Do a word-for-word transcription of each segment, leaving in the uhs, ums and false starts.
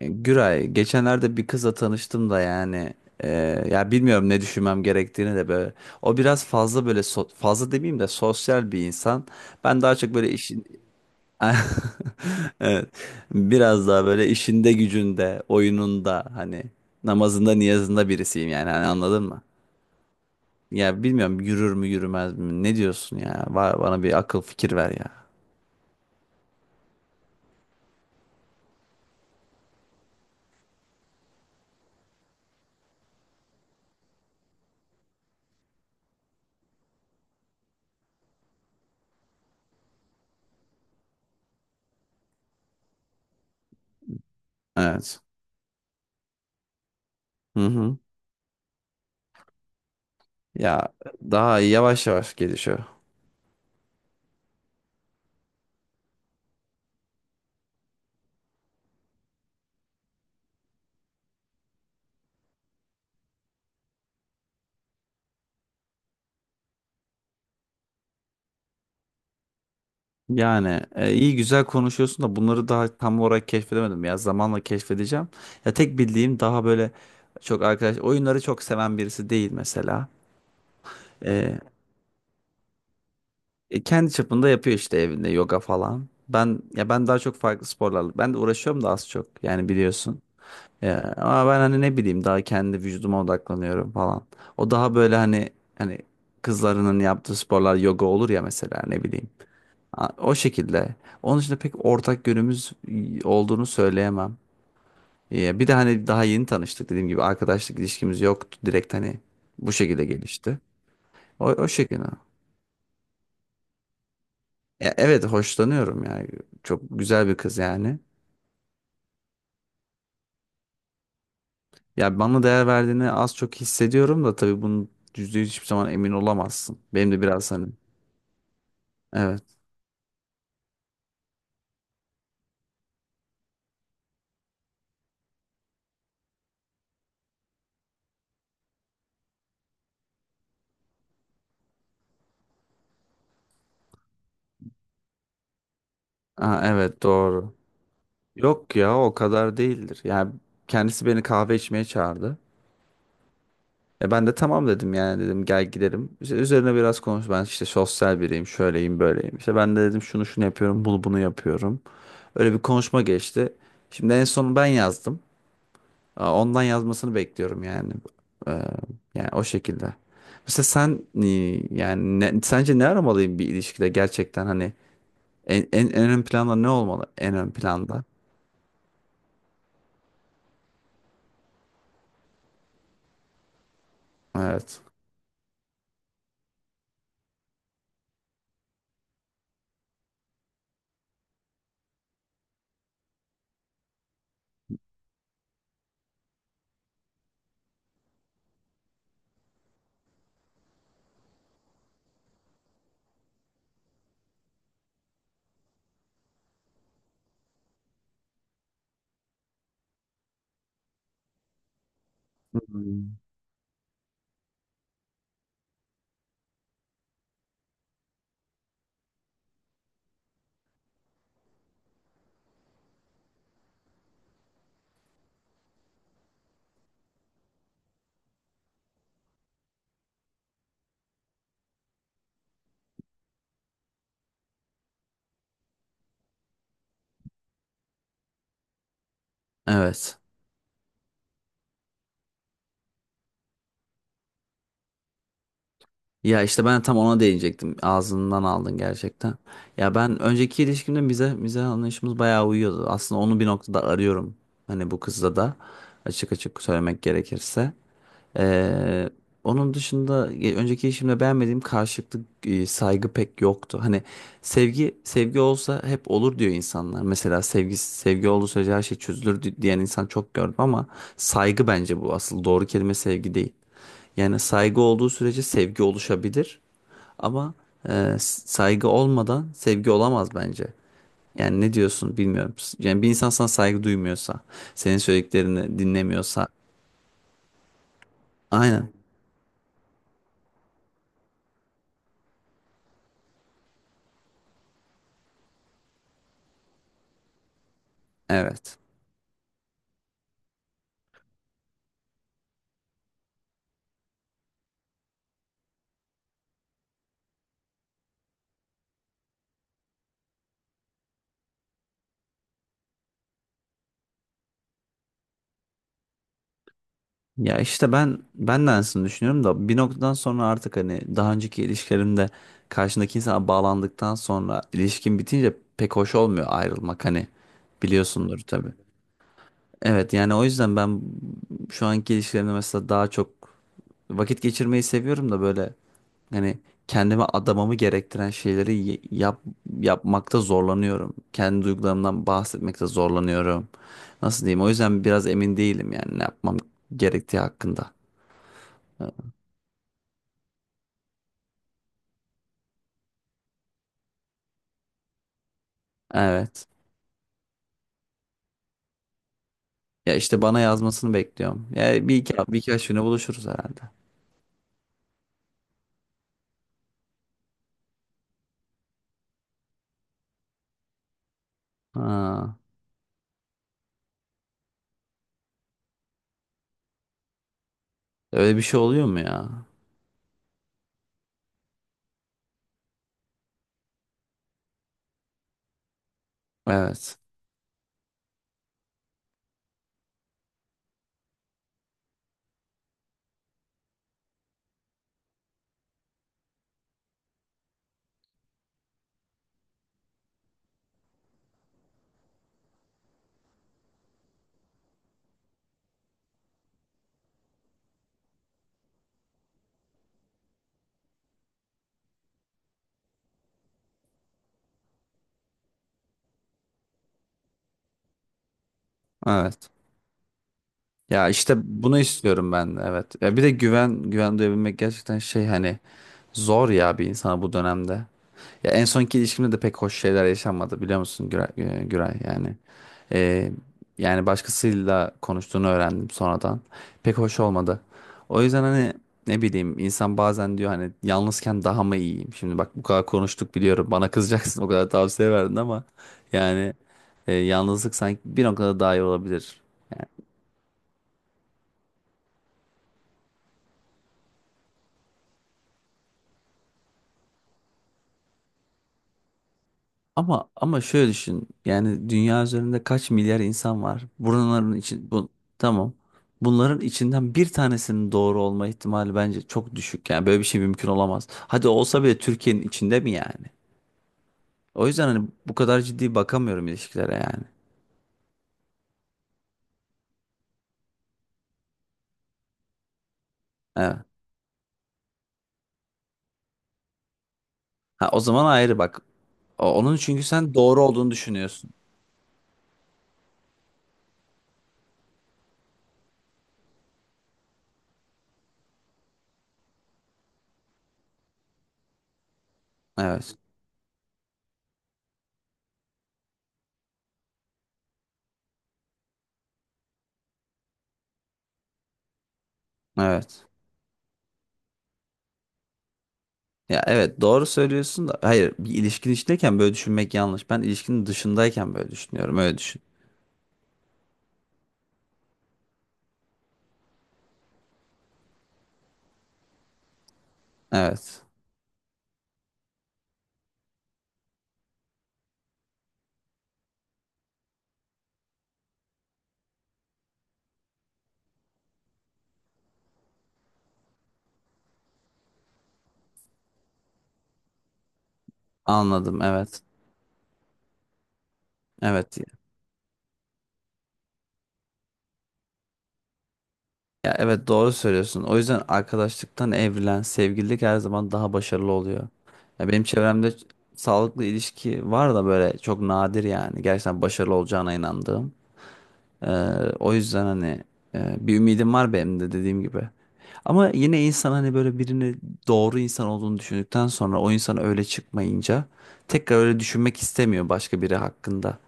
E, Güray, geçenlerde bir kızla tanıştım da yani e, ya bilmiyorum ne düşünmem gerektiğini de böyle. O biraz fazla böyle so- fazla demeyeyim de sosyal bir insan. Ben daha çok böyle işin evet, biraz daha böyle işinde gücünde, oyununda hani namazında niyazında birisiyim yani hani anladın mı? Ya bilmiyorum yürür mü yürümez mi? Ne diyorsun ya? Var, bana bir akıl fikir ver ya. Evet. Hı hı. Ya daha yavaş yavaş gelişiyor. Yani e, iyi güzel konuşuyorsun da bunları daha tam olarak keşfedemedim ya. Zamanla keşfedeceğim. Ya tek bildiğim daha böyle çok arkadaş oyunları çok seven birisi değil mesela. E, e, Kendi çapında yapıyor işte evinde yoga falan. Ben ya ben daha çok farklı sporlarla ben de uğraşıyorum da az çok yani biliyorsun. E, ama ben hani ne bileyim daha kendi vücuduma odaklanıyorum falan. O daha böyle hani hani kızlarının yaptığı sporlar yoga olur ya mesela ne bileyim. A- O şekilde. Onun dışında pek ortak yönümüz y- olduğunu söyleyemem. Ya bir de hani daha yeni tanıştık dediğim gibi arkadaşlık ilişkimiz yoktu. Direkt hani bu şekilde gelişti. O, o şekilde. Ya evet, hoşlanıyorum yani. Çok güzel bir kız yani. Ya bana değer verdiğini az çok hissediyorum da tabii bunu yüzde yüz hiçbir zaman emin olamazsın. Benim de biraz hani evet. Aa, evet, doğru. Yok ya, o kadar değildir. Yani kendisi beni kahve içmeye çağırdı. E, ben de tamam dedim yani, dedim gel gidelim. İşte üzerine biraz konuş. Ben işte sosyal biriyim, şöyleyim, böyleyim. İşte ben de dedim şunu şunu yapıyorum, bunu bunu yapıyorum. Öyle bir konuşma geçti. Şimdi en son ben yazdım. Aa, Ondan yazmasını bekliyorum yani. Ee, Yani o şekilde. Mesela sen e, yani ne- sence ne aramalıyım bir ilişkide gerçekten hani en, en, en ön planda ne olmalı? En ön planda. Evet. Hmm. Evet. Ya işte ben tam ona değinecektim. Ağzından aldın gerçekten. Ya ben önceki ilişkimde bize bize anlayışımız bayağı uyuyordu. Aslında onu bir noktada arıyorum. Hani bu kızda da açık açık söylemek gerekirse. Ee, Onun dışında e, önceki ilişkimde beğenmediğim karşılıklı e, saygı pek yoktu. Hani sevgi sevgi olsa hep olur diyor insanlar. Mesela sevgi sevgi olduğu sürece her şey çözülür di- diyen insan çok gördüm ama saygı bence bu asıl doğru kelime, sevgi değil. Yani saygı olduğu sürece sevgi oluşabilir. Ama e, saygı olmadan sevgi olamaz bence. Yani ne diyorsun bilmiyorum. Yani bir insan sana saygı duymuyorsa, senin söylediklerini dinlemiyorsa. Aynen. Evet. Ya işte ben ben de aynısını düşünüyorum da bir noktadan sonra artık hani daha önceki ilişkilerimde karşındaki insana bağlandıktan sonra ilişkin bitince pek hoş olmuyor ayrılmak, hani biliyorsundur tabii. Evet, yani o yüzden ben şu anki ilişkilerimde mesela daha çok vakit geçirmeyi seviyorum da böyle hani kendime adamamı gerektiren şeyleri y- yap, yapmakta zorlanıyorum. Kendi duygularımdan bahsetmekte zorlanıyorum. Nasıl diyeyim? O yüzden biraz emin değilim yani ne yapmam gerektiği hakkında. Evet. Ya işte bana yazmasını bekliyorum. Ya bir iki, bir iki birkaç güne buluşuruz herhalde. Ha, öyle bir şey oluyor mu ya? Evet. Evet. Ya işte bunu istiyorum ben, evet. Ya bir de güven güven duyabilmek gerçekten şey hani zor ya bir insana bu dönemde. Ya en sonki ilişkimde de pek hoş şeyler yaşanmadı, biliyor musun Güray, e, Güray yani. Ee, Yani başkasıyla konuştuğunu öğrendim sonradan. Pek hoş olmadı. O yüzden hani ne bileyim insan bazen diyor hani yalnızken daha mı iyiyim? Şimdi bak bu kadar konuştuk biliyorum, bana kızacaksın o kadar tavsiye verdin ama yani e, yalnızlık sanki bir noktada daha iyi olabilir. Ama ama şöyle düşün. Yani dünya üzerinde kaç milyar insan var? Bunların için bu tamam. Bunların içinden bir tanesinin doğru olma ihtimali bence çok düşük. Yani böyle bir şey mümkün olamaz. Hadi olsa bile Türkiye'nin içinde mi yani? O yüzden hani bu kadar ciddi bakamıyorum ilişkilere yani. Evet. Ha, o zaman ayrı bak. O- Onun, çünkü sen doğru olduğunu düşünüyorsun. Evet. Evet. Ya evet, doğru söylüyorsun da hayır, bir ilişkin içindeyken böyle düşünmek yanlış. Ben ilişkinin dışındayken böyle düşünüyorum. Öyle düşün. Evet. Anladım, evet. Evet. Ya evet, doğru söylüyorsun. O yüzden arkadaşlıktan evrilen sevgililik her zaman daha başarılı oluyor. Ya benim çevremde ç- sağlıklı ilişki var da böyle çok nadir yani. Gerçekten başarılı olacağına inandığım. Ee, O yüzden hani e, bir ümidim var benim de dediğim gibi. Ama yine insan hani böyle birini doğru insan olduğunu düşündükten sonra o insan öyle çıkmayınca tekrar öyle düşünmek istemiyor başka biri hakkında.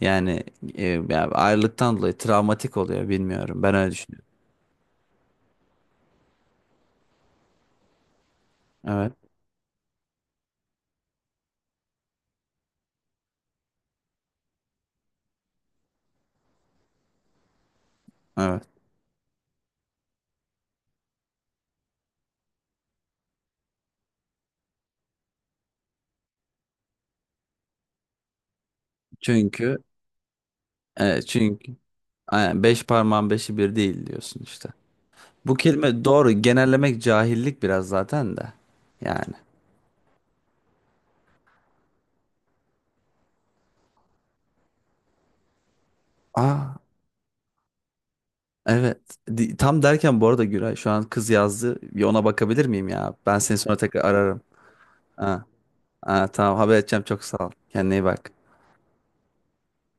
Yani e, ya ayrılıktan dolayı travmatik oluyor bilmiyorum. Ben öyle düşünüyorum. Evet, evet. Çünkü e, çünkü aynen, beş parmağın beşi bir değil diyorsun işte. Bu kelime doğru, genellemek cahillik biraz zaten de. Yani. Aa evet. Di- Tam derken bu arada Güray, şu an kız yazdı. Bir ona bakabilir miyim ya? Ben seni sonra tekrar ararım. Ha, ha, tamam, haber edeceğim, çok sağ ol. Kendine iyi bak.